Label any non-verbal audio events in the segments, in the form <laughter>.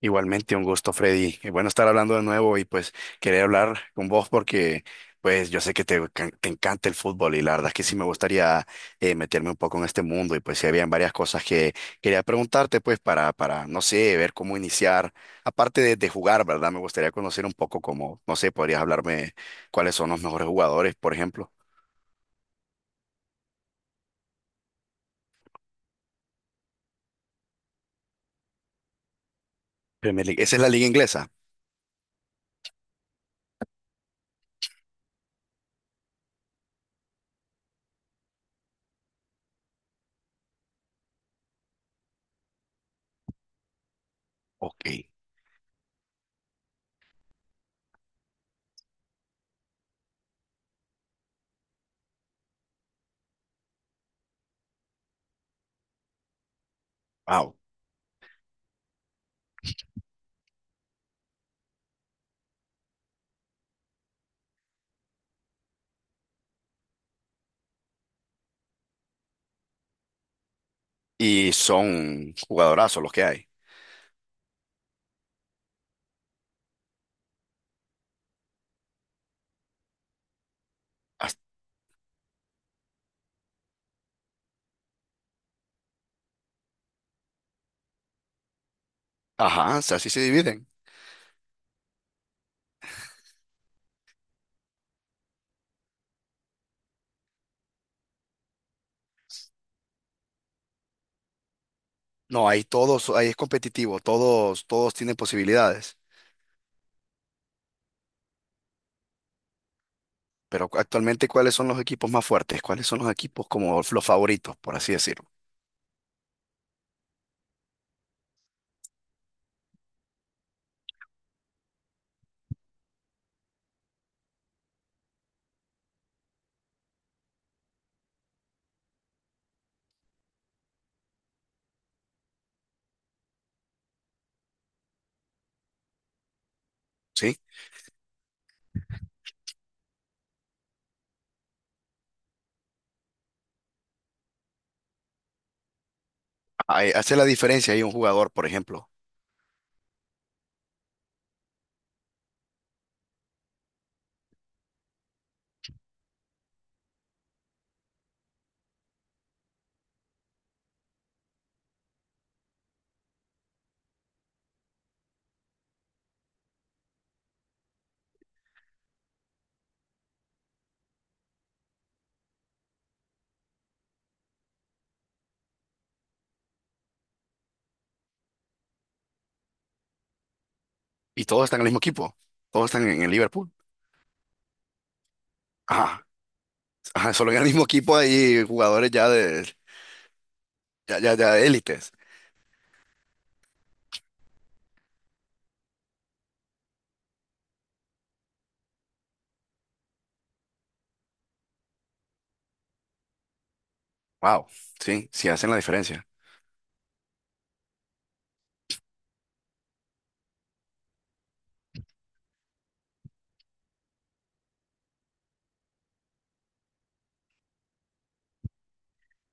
Igualmente, un gusto, Freddy. Y bueno estar hablando de nuevo y pues quería hablar con vos porque pues yo sé que te encanta el fútbol y la verdad es que sí me gustaría meterme un poco en este mundo y pues sí habían varias cosas que quería preguntarte pues para, no sé, ver cómo iniciar. Aparte de jugar, ¿verdad? Me gustaría conocer un poco cómo, no sé, podrías hablarme cuáles son los mejores jugadores, por ejemplo. Premier League. ¿Esa es la liga inglesa? Ok, wow. Y son jugadorazos los que hay. Hasta- Ajá, o sea, así se dividen. No, ahí todos, ahí es competitivo, todos tienen posibilidades. Pero cu- actualmente, ¿cuáles son los equipos más fuertes? ¿Cuáles son los equipos como los favoritos, por así decirlo? ¿Sí? Ahí hace la diferencia ahí un jugador, por ejemplo, y todos están en el mismo equipo, todos están en el Liverpool. Ajá, ajá, solo en el mismo equipo hay jugadores ya de, ya de élites. Wow, sí, sí hacen la diferencia.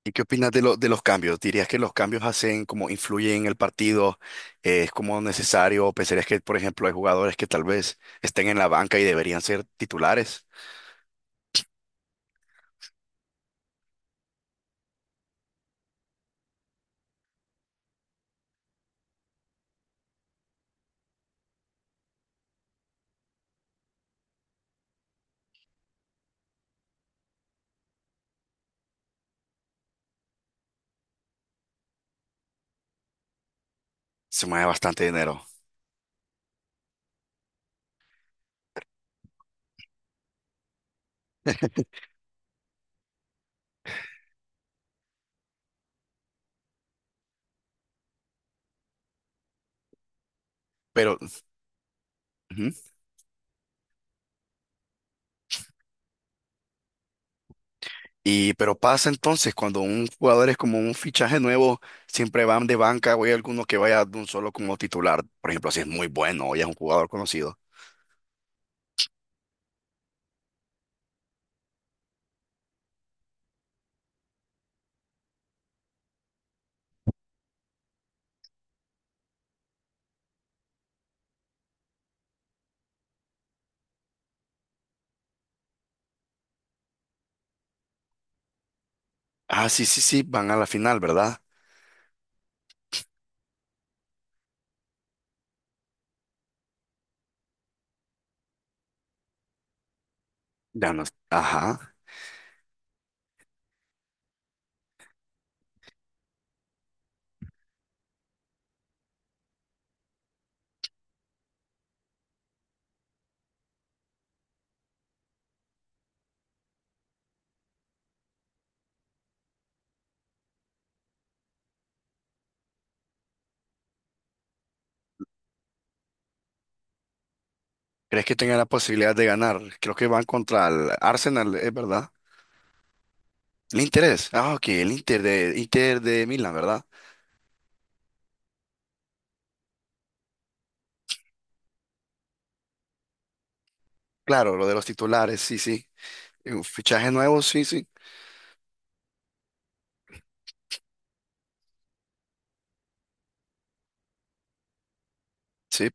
¿Y qué opinas de los cambios? ¿Dirías que los cambios hacen como influyen en el partido? ¿Es como necesario? ¿O ¿pensarías que, por ejemplo, hay jugadores que tal vez estén en la banca y deberían ser titulares? Se mueve bastante dinero. Pero, ujú. Y, pero pasa entonces cuando un jugador es como un fichaje nuevo, siempre van de banca o hay alguno que vaya de un solo como titular. Por ejemplo, si es muy bueno o ya es un jugador conocido. Ah, sí, sí, sí, van a la final, ¿verdad? Ya no. Ajá. ¿Crees que tengan la posibilidad de ganar? Creo que van contra el Arsenal, ¿es verdad? El Inter es. Ah, ok, el Inter de Milán, ¿verdad? Claro, lo de los titulares, sí, sí. Fichaje nuevo, sí, sí. Sí,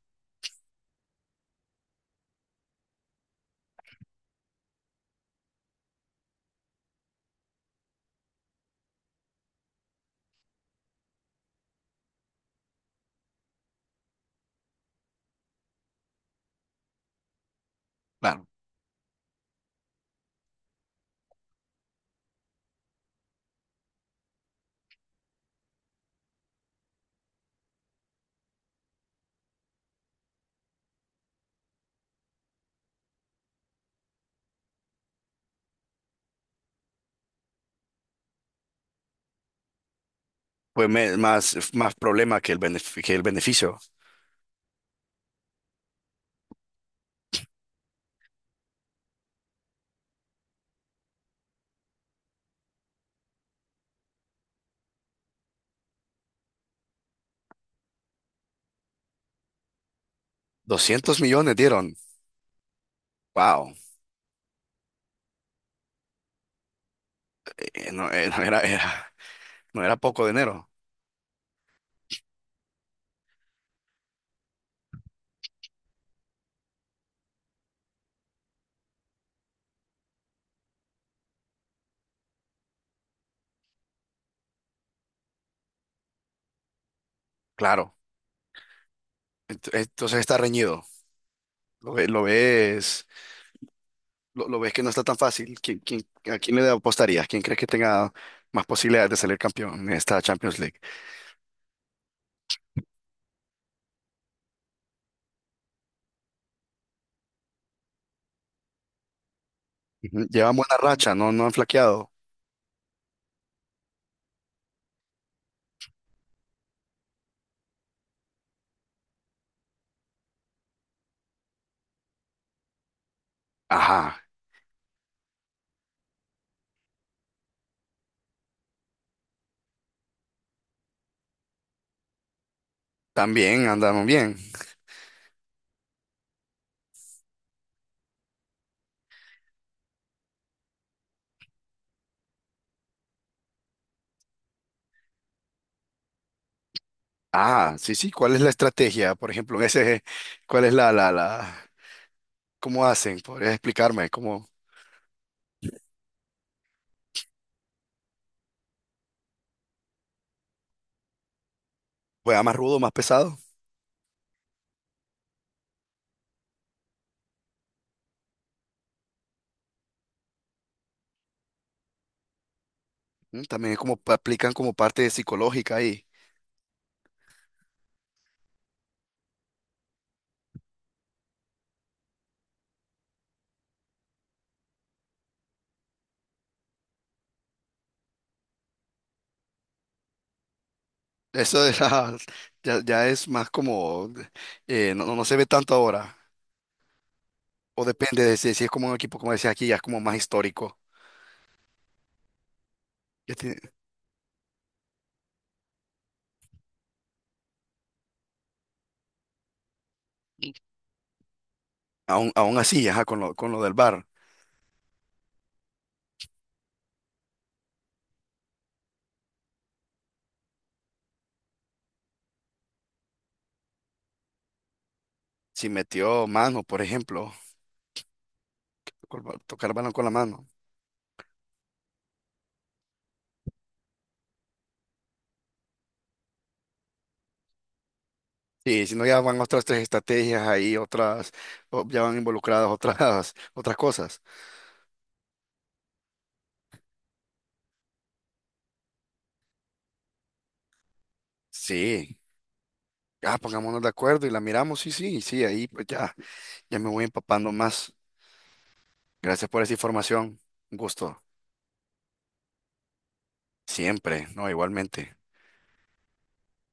claro. Más, más problema que que el beneficio. 200 millones dieron. Wow. Eh, no, eh, no era, era- no era poco dinero. Claro. Ent- Entonces está reñido. Lo ves. Lo ves que no está tan fácil. ¿Quién, quién- a quién le apostarías? ¿Quién crees que tenga más posibilidades de salir campeón en esta Champions League? Ujú. Llevan buena racha, no, no han flaqueado. Ajá, también andan bien. Ah, sí, sí. ¿Cuál es la estrategia? Por ejemplo, en ese, ¿cuál es la, cómo hacen? ¿Podrías explicarme? ¿Cómo juega más rudo, más pesado? Mm, también como pa- aplican como parte psicológica ahí. Eso de <laughs> la- ya es más como, no, no se ve tanto ahora. O depende de si, si es como un equipo, como decía aquí, ya es como más histórico. Ya tiene- aún así, ajá, con lo del VAR. Si metió mano, por ejemplo, con tocar el balón con la mano. Sí, si no, ya van otras 3 estrategias ahí, otras, o ya van involucradas otras, <laughs> otras cosas. Sí, ah, pongámonos de acuerdo y la miramos, sí, ahí pues ya, ya me voy empapando más. Gracias por esa información, un gusto, siempre, no, igualmente.